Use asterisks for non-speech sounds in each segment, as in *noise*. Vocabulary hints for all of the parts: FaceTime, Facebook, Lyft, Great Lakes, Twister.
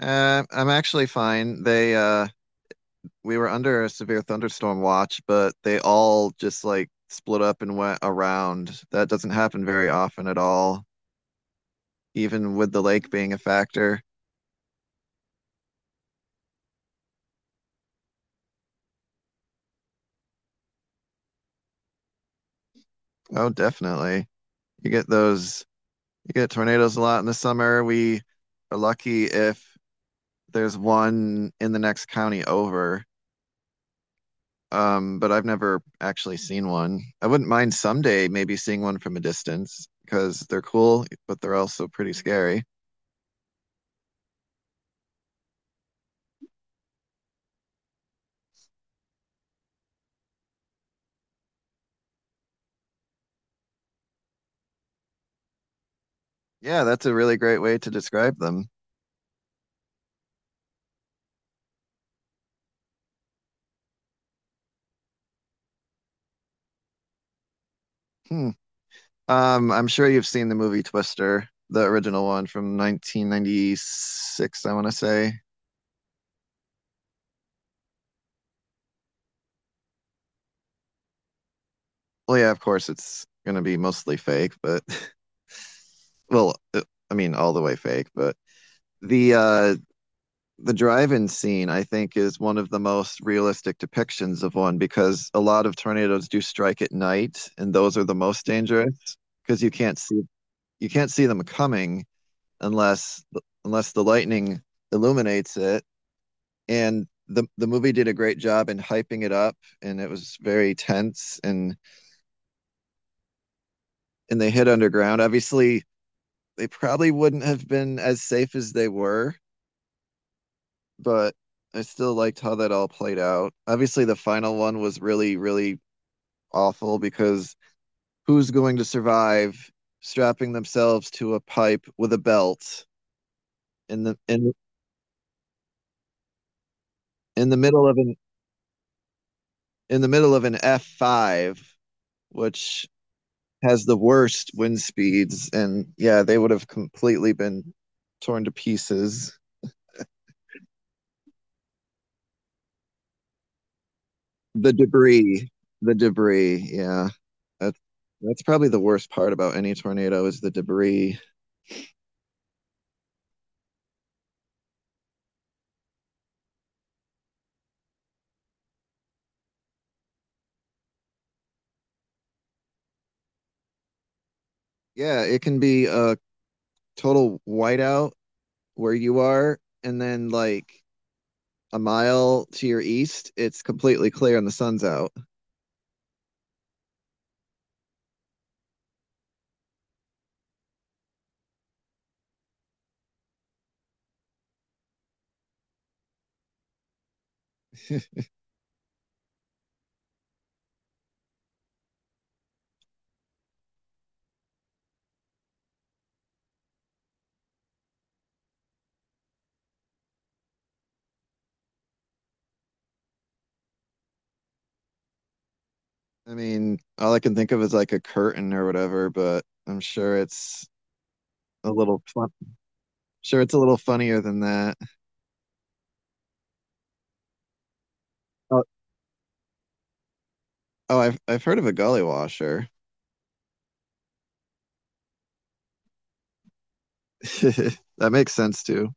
I'm actually fine. They We were under a severe thunderstorm watch, but they all just like split up and went around. That doesn't happen very often at all, even with the lake being a factor. Oh, definitely. You get those you get tornadoes a lot in the summer. We are lucky if there's one in the next county over. But I've never actually seen one. I wouldn't mind someday maybe seeing one from a distance because they're cool, but they're also pretty scary. Yeah, that's a really great way to describe them. Hmm. I'm sure you've seen the movie Twister, the original one from 1996, I want to say. Well, yeah, of course, it's going to be mostly fake, but *laughs* well, I mean, all the way fake, but the the drive-in scene, I think, is one of the most realistic depictions of one because a lot of tornadoes do strike at night, and those are the most dangerous because you can't see them coming unless unless the lightning illuminates it. And the movie did a great job in hyping it up, and it was very tense. And they hid underground. Obviously, they probably wouldn't have been as safe as they were, but I still liked how that all played out. Obviously, the final one was really really awful because who's going to survive strapping themselves to a pipe with a belt in the in in the middle of an F5, which has the worst wind speeds, and yeah, they would have completely been torn to pieces. The debris, the debris, yeah, that's that's probably the worst part about any tornado is the debris. Yeah, it can be a total whiteout where you are, and then like a mile to your east, it's completely clear and the sun's out. I mean, all I can think of is like a curtain or whatever, but I'm sure it's a little fun. Sure, it's a little funnier than that. Oh, Oh, I've heard of a gully washer. *laughs* That makes sense too.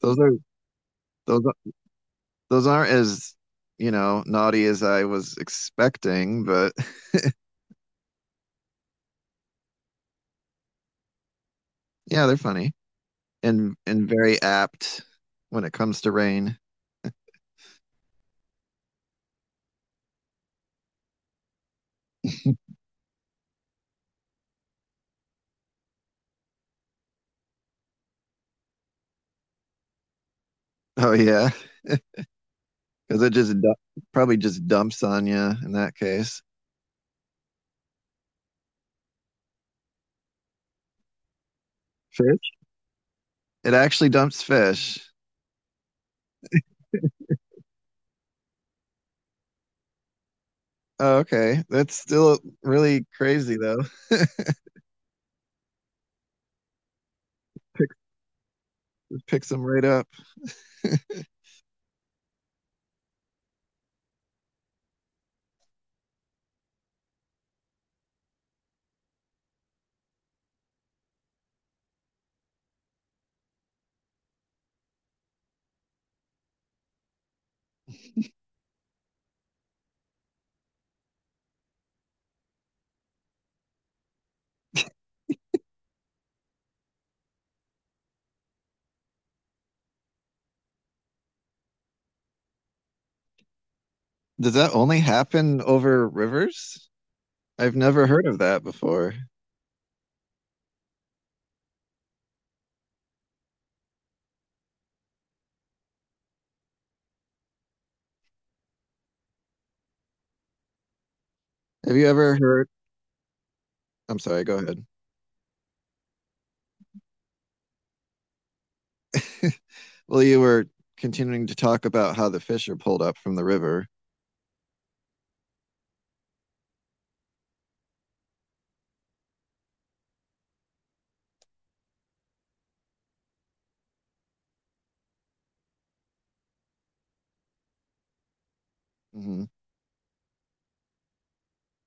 Those are those are- those aren't as, you know, naughty as I was expecting, but *laughs* yeah, they're funny and very apt when it comes to rain. Oh yeah, because it just du probably just dumps on you in that case. Fish? It actually dumps fish. Oh, okay. That's still really crazy though. *laughs* Picks them right up. *laughs* Does that only happen over rivers? I've never heard of that before. Have you ever heard? I'm sorry, go ahead. *laughs* Well, you were continuing to talk about how the fish are pulled up from the river. Hmm.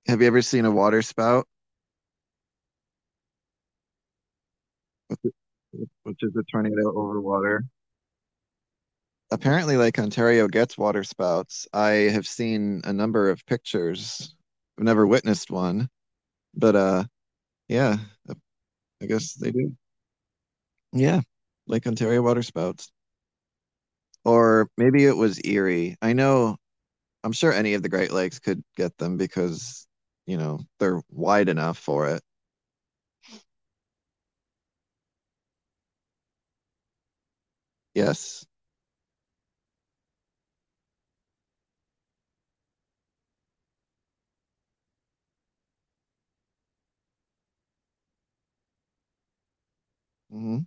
Have you ever seen a water spout, which is a tornado over water? Apparently, Lake Ontario gets water spouts. I have seen a number of pictures. I've never witnessed one, but yeah, I guess they do. Yeah, Lake Ontario water spouts. Or maybe it was Erie. I know I'm sure any of the Great Lakes could get them because, you know, they're wide enough for it. Yes. Hmm.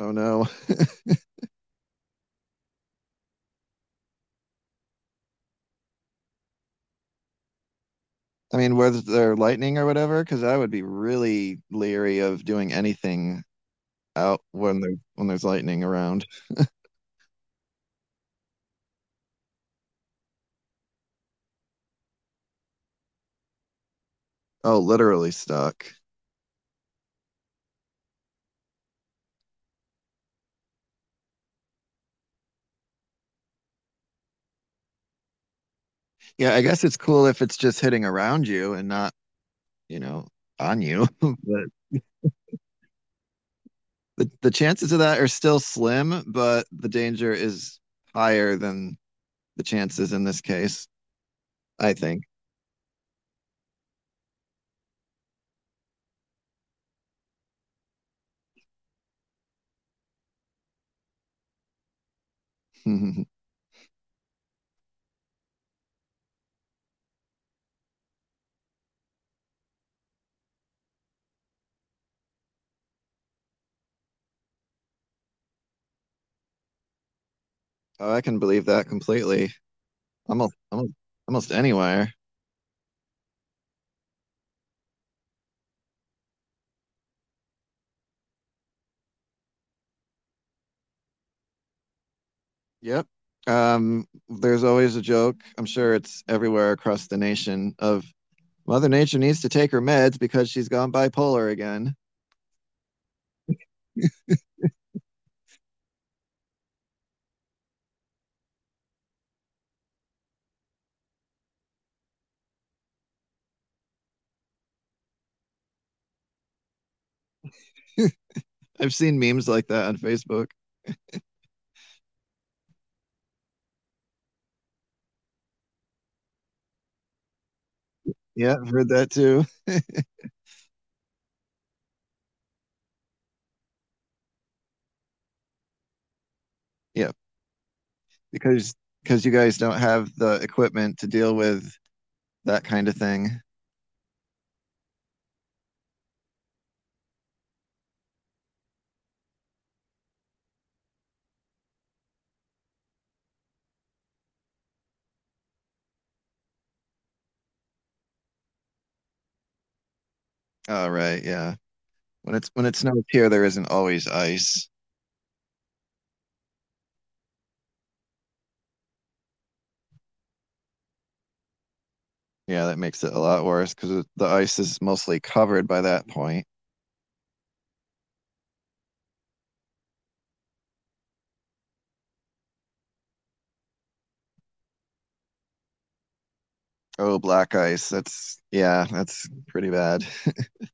Oh no. I mean, was there lightning or whatever? Because I would be really leery of doing anything out when there's lightning around. Oh, literally stuck. Yeah, I guess it's cool if it's just hitting around you and not, you know, on you. *laughs* But the chances of that are still slim, but the danger is higher than the chances in this case, I think. *laughs* Oh, I can believe that completely. Almost, almost anywhere. Yep. There's always a joke. I'm sure it's everywhere across the nation of Mother Nature needs to take her meds because she's gone bipolar again. *laughs* I've seen memes like that on Facebook. Yeah, I've heard that too. Yeah, because because you guys don't have the equipment to deal with that kind of thing. Oh, right. Yeah. When it snows here, there isn't always ice. Yeah, that makes it a lot worse because the ice is mostly covered by that point. Oh, black ice. That's yeah, that's pretty bad. *laughs*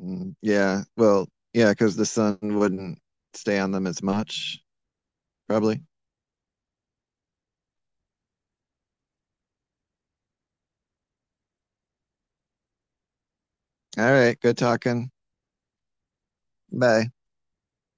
Mm, yeah, well, yeah, because the sun wouldn't stay on them as much, probably. All right, good talking. Bye.